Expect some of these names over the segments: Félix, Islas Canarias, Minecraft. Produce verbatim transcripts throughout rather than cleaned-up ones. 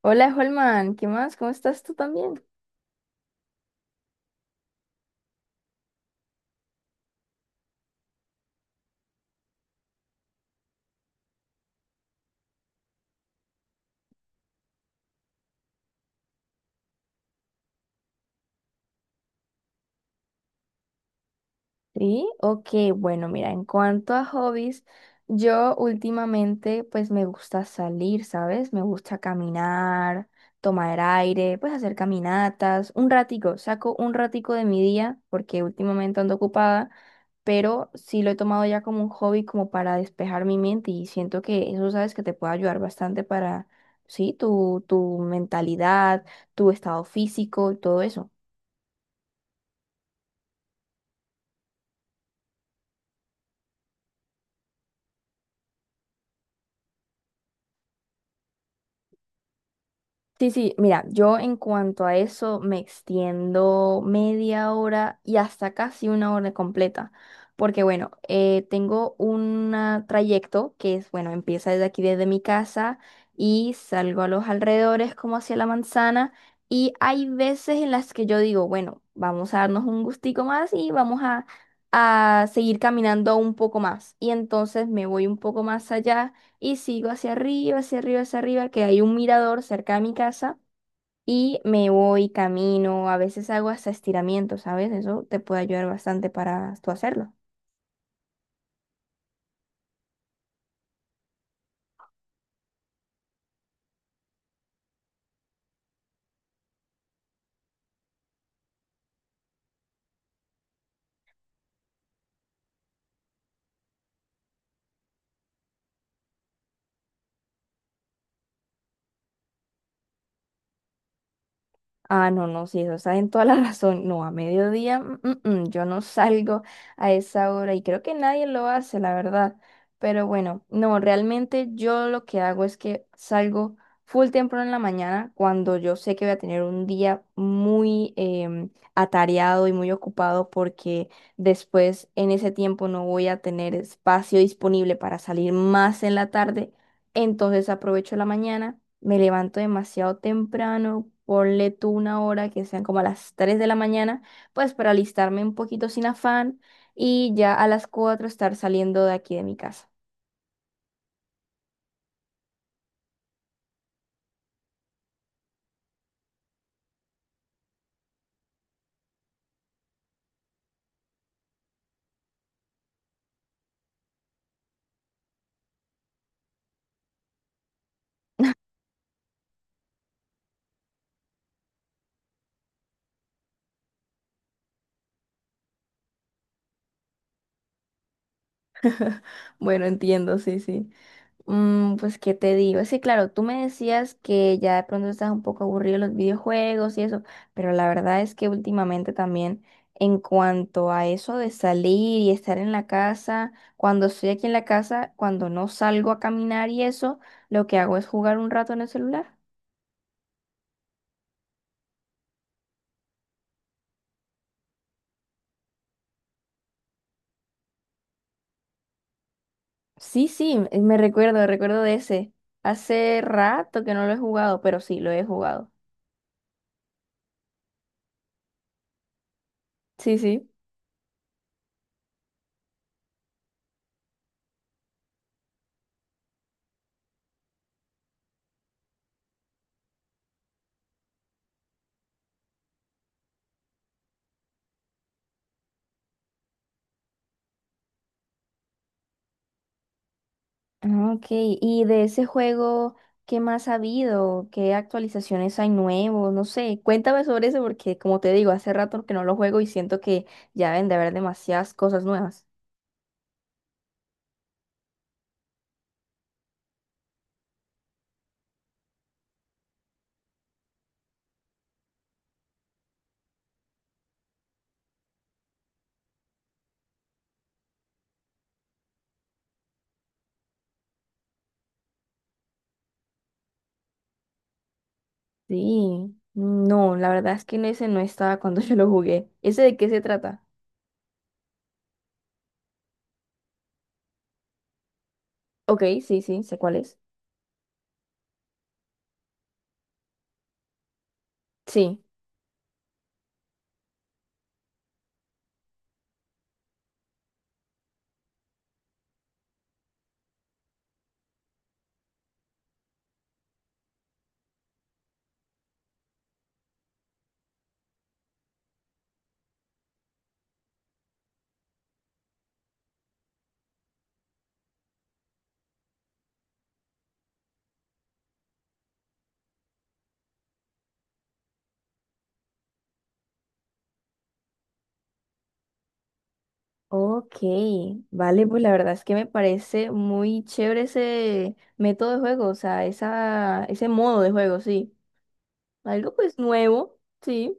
Hola, Holman, ¿qué más? ¿Cómo estás tú también? Sí, ok, bueno, mira, en cuanto a hobbies, yo últimamente pues me gusta salir, ¿sabes? Me gusta caminar, tomar aire, pues hacer caminatas, un ratico, saco un ratico de mi día porque últimamente ando ocupada, pero sí lo he tomado ya como un hobby como para despejar mi mente y siento que eso, ¿sabes? Que te puede ayudar bastante para, sí, tu, tu mentalidad, tu estado físico y todo eso. Sí, sí, mira, yo en cuanto a eso me extiendo media hora y hasta casi una hora completa, porque bueno, eh, tengo un ah, trayecto que es, bueno, empieza desde aquí, desde mi casa y salgo a los alrededores como hacia la manzana y hay veces en las que yo digo, bueno, vamos a darnos un gustico más y vamos a, a seguir caminando un poco más y entonces me voy un poco más allá. Y sigo hacia arriba, hacia arriba, hacia arriba, que hay un mirador cerca de mi casa y me voy, camino, a veces hago hasta estiramiento, ¿sabes? Eso te puede ayudar bastante para tú hacerlo. Ah, no, no, sí, eso está en toda la razón. No, a mediodía, mm, mm, mm, yo no salgo a esa hora y creo que nadie lo hace, la verdad. Pero bueno, no, realmente yo lo que hago es que salgo full temprano en la mañana cuando yo sé que voy a tener un día muy em, atareado y muy ocupado porque después en ese tiempo no voy a tener espacio disponible para salir más en la tarde, entonces aprovecho la mañana, me levanto demasiado temprano, ponle tú una hora que sean como a las tres de la mañana, pues para alistarme un poquito sin afán y ya a las cuatro estar saliendo de aquí de mi casa. Bueno, entiendo, sí, sí. Mm, pues, ¿qué te digo? Sí, claro, tú me decías que ya de pronto estás un poco aburrido de los videojuegos y eso, pero la verdad es que últimamente también, en cuanto a eso de salir y estar en la casa, cuando estoy aquí en la casa, cuando no salgo a caminar y eso, lo que hago es jugar un rato en el celular. Sí, sí, eh, me recuerdo, recuerdo de ese. Hace rato que no lo he jugado, pero sí, lo he jugado. Sí, sí. Ah, ok, y de ese juego, ¿qué más ha habido? ¿Qué actualizaciones hay nuevos? No sé, cuéntame sobre eso porque como te digo, hace rato que no lo juego y siento que ya deben de haber demasiadas cosas nuevas. Sí, no, la verdad es que en ese no estaba cuando yo lo jugué. ¿Ese de qué se trata? Ok, sí, sí, sé cuál es. Sí. Ok, vale, pues la verdad es que me parece muy chévere ese método de juego, o sea, esa, ese modo de juego, sí. Algo pues nuevo, sí.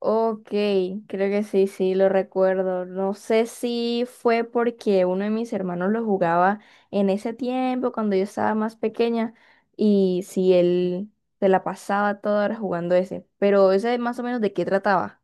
Ok, creo que sí, sí, lo recuerdo. No sé si fue porque uno de mis hermanos lo jugaba en ese tiempo, cuando yo estaba más pequeña, y si él se la pasaba toda hora jugando ese. Pero ese más o menos de qué trataba.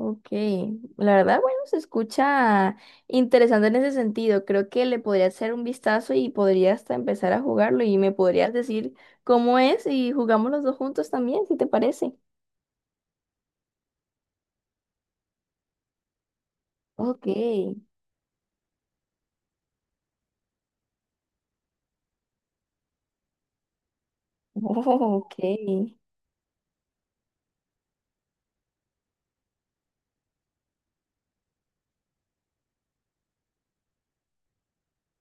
Ok, la verdad, bueno, se escucha interesante en ese sentido. Creo que le podría hacer un vistazo y podría hasta empezar a jugarlo y me podrías decir cómo es y jugamos los dos juntos también, si te parece. Ok. Oh, ok.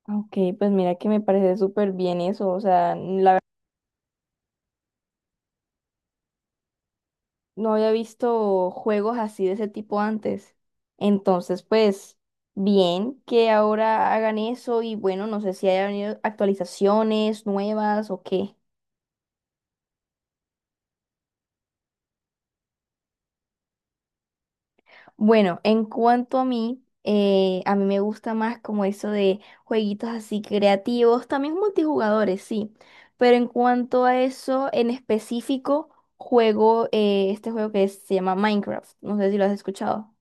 Ah, ok, pues mira que me parece súper bien eso. O sea, la verdad no había visto juegos así de ese tipo antes. Entonces, pues, bien que ahora hagan eso y bueno, no sé si haya venido actualizaciones nuevas o qué. Bueno, en cuanto a mí, eh, a mí me gusta más como eso de jueguitos así creativos, también multijugadores, sí. Pero en cuanto a eso, en específico, juego eh, este juego que se llama Minecraft. No sé si lo has escuchado.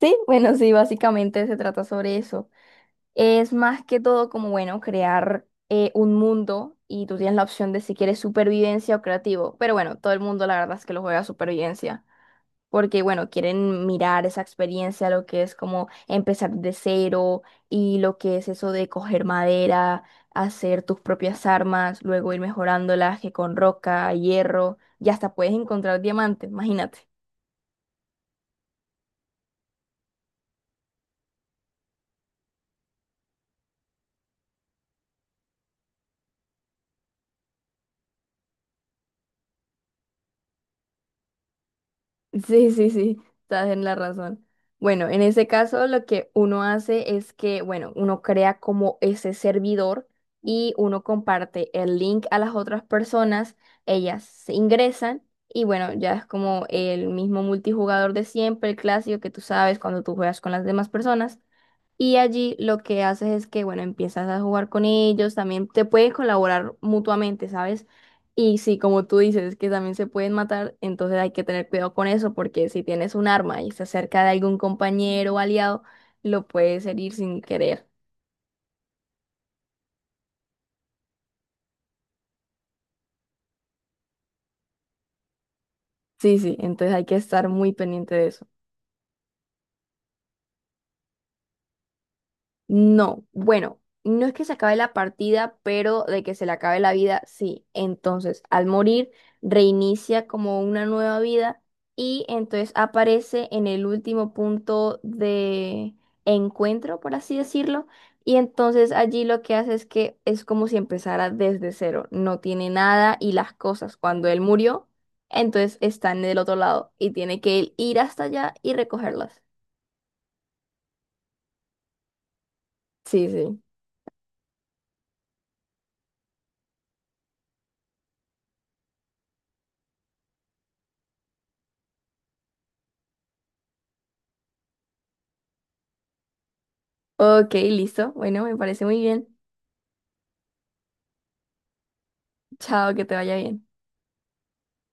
Sí, bueno, sí, básicamente se trata sobre eso. Es más que todo como, bueno, crear eh, un mundo y tú tienes la opción de si quieres supervivencia o creativo. Pero bueno, todo el mundo la verdad es que lo juega a supervivencia, porque bueno, quieren mirar esa experiencia, lo que es como empezar de cero y lo que es eso de coger madera, hacer tus propias armas, luego ir mejorándolas que con roca, hierro, y hasta puedes encontrar diamantes, imagínate. Sí, sí, sí, estás en la razón. Bueno, en ese caso lo que uno hace es que, bueno, uno crea como ese servidor y uno comparte el link a las otras personas, ellas se ingresan y bueno, ya es como el mismo multijugador de siempre, el clásico que tú sabes cuando tú juegas con las demás personas. Y allí lo que haces es que, bueno, empiezas a jugar con ellos, también te pueden colaborar mutuamente, ¿sabes? Y si, como tú dices, que también se pueden matar, entonces hay que tener cuidado con eso, porque si tienes un arma y se acerca de algún compañero o aliado, lo puedes herir sin querer. Sí, sí, entonces hay que estar muy pendiente de eso. No, bueno, no es que se acabe la partida, pero de que se le acabe la vida, sí. Entonces, al morir, reinicia como una nueva vida y entonces aparece en el último punto de encuentro, por así decirlo. Y entonces allí lo que hace es que es como si empezara desde cero, no tiene nada y las cosas. Cuando él murió, entonces está en el otro lado y tiene que él ir hasta allá y recogerlas. Sí, sí. Ok, listo. Bueno, me parece muy bien. Chao, que te vaya bien.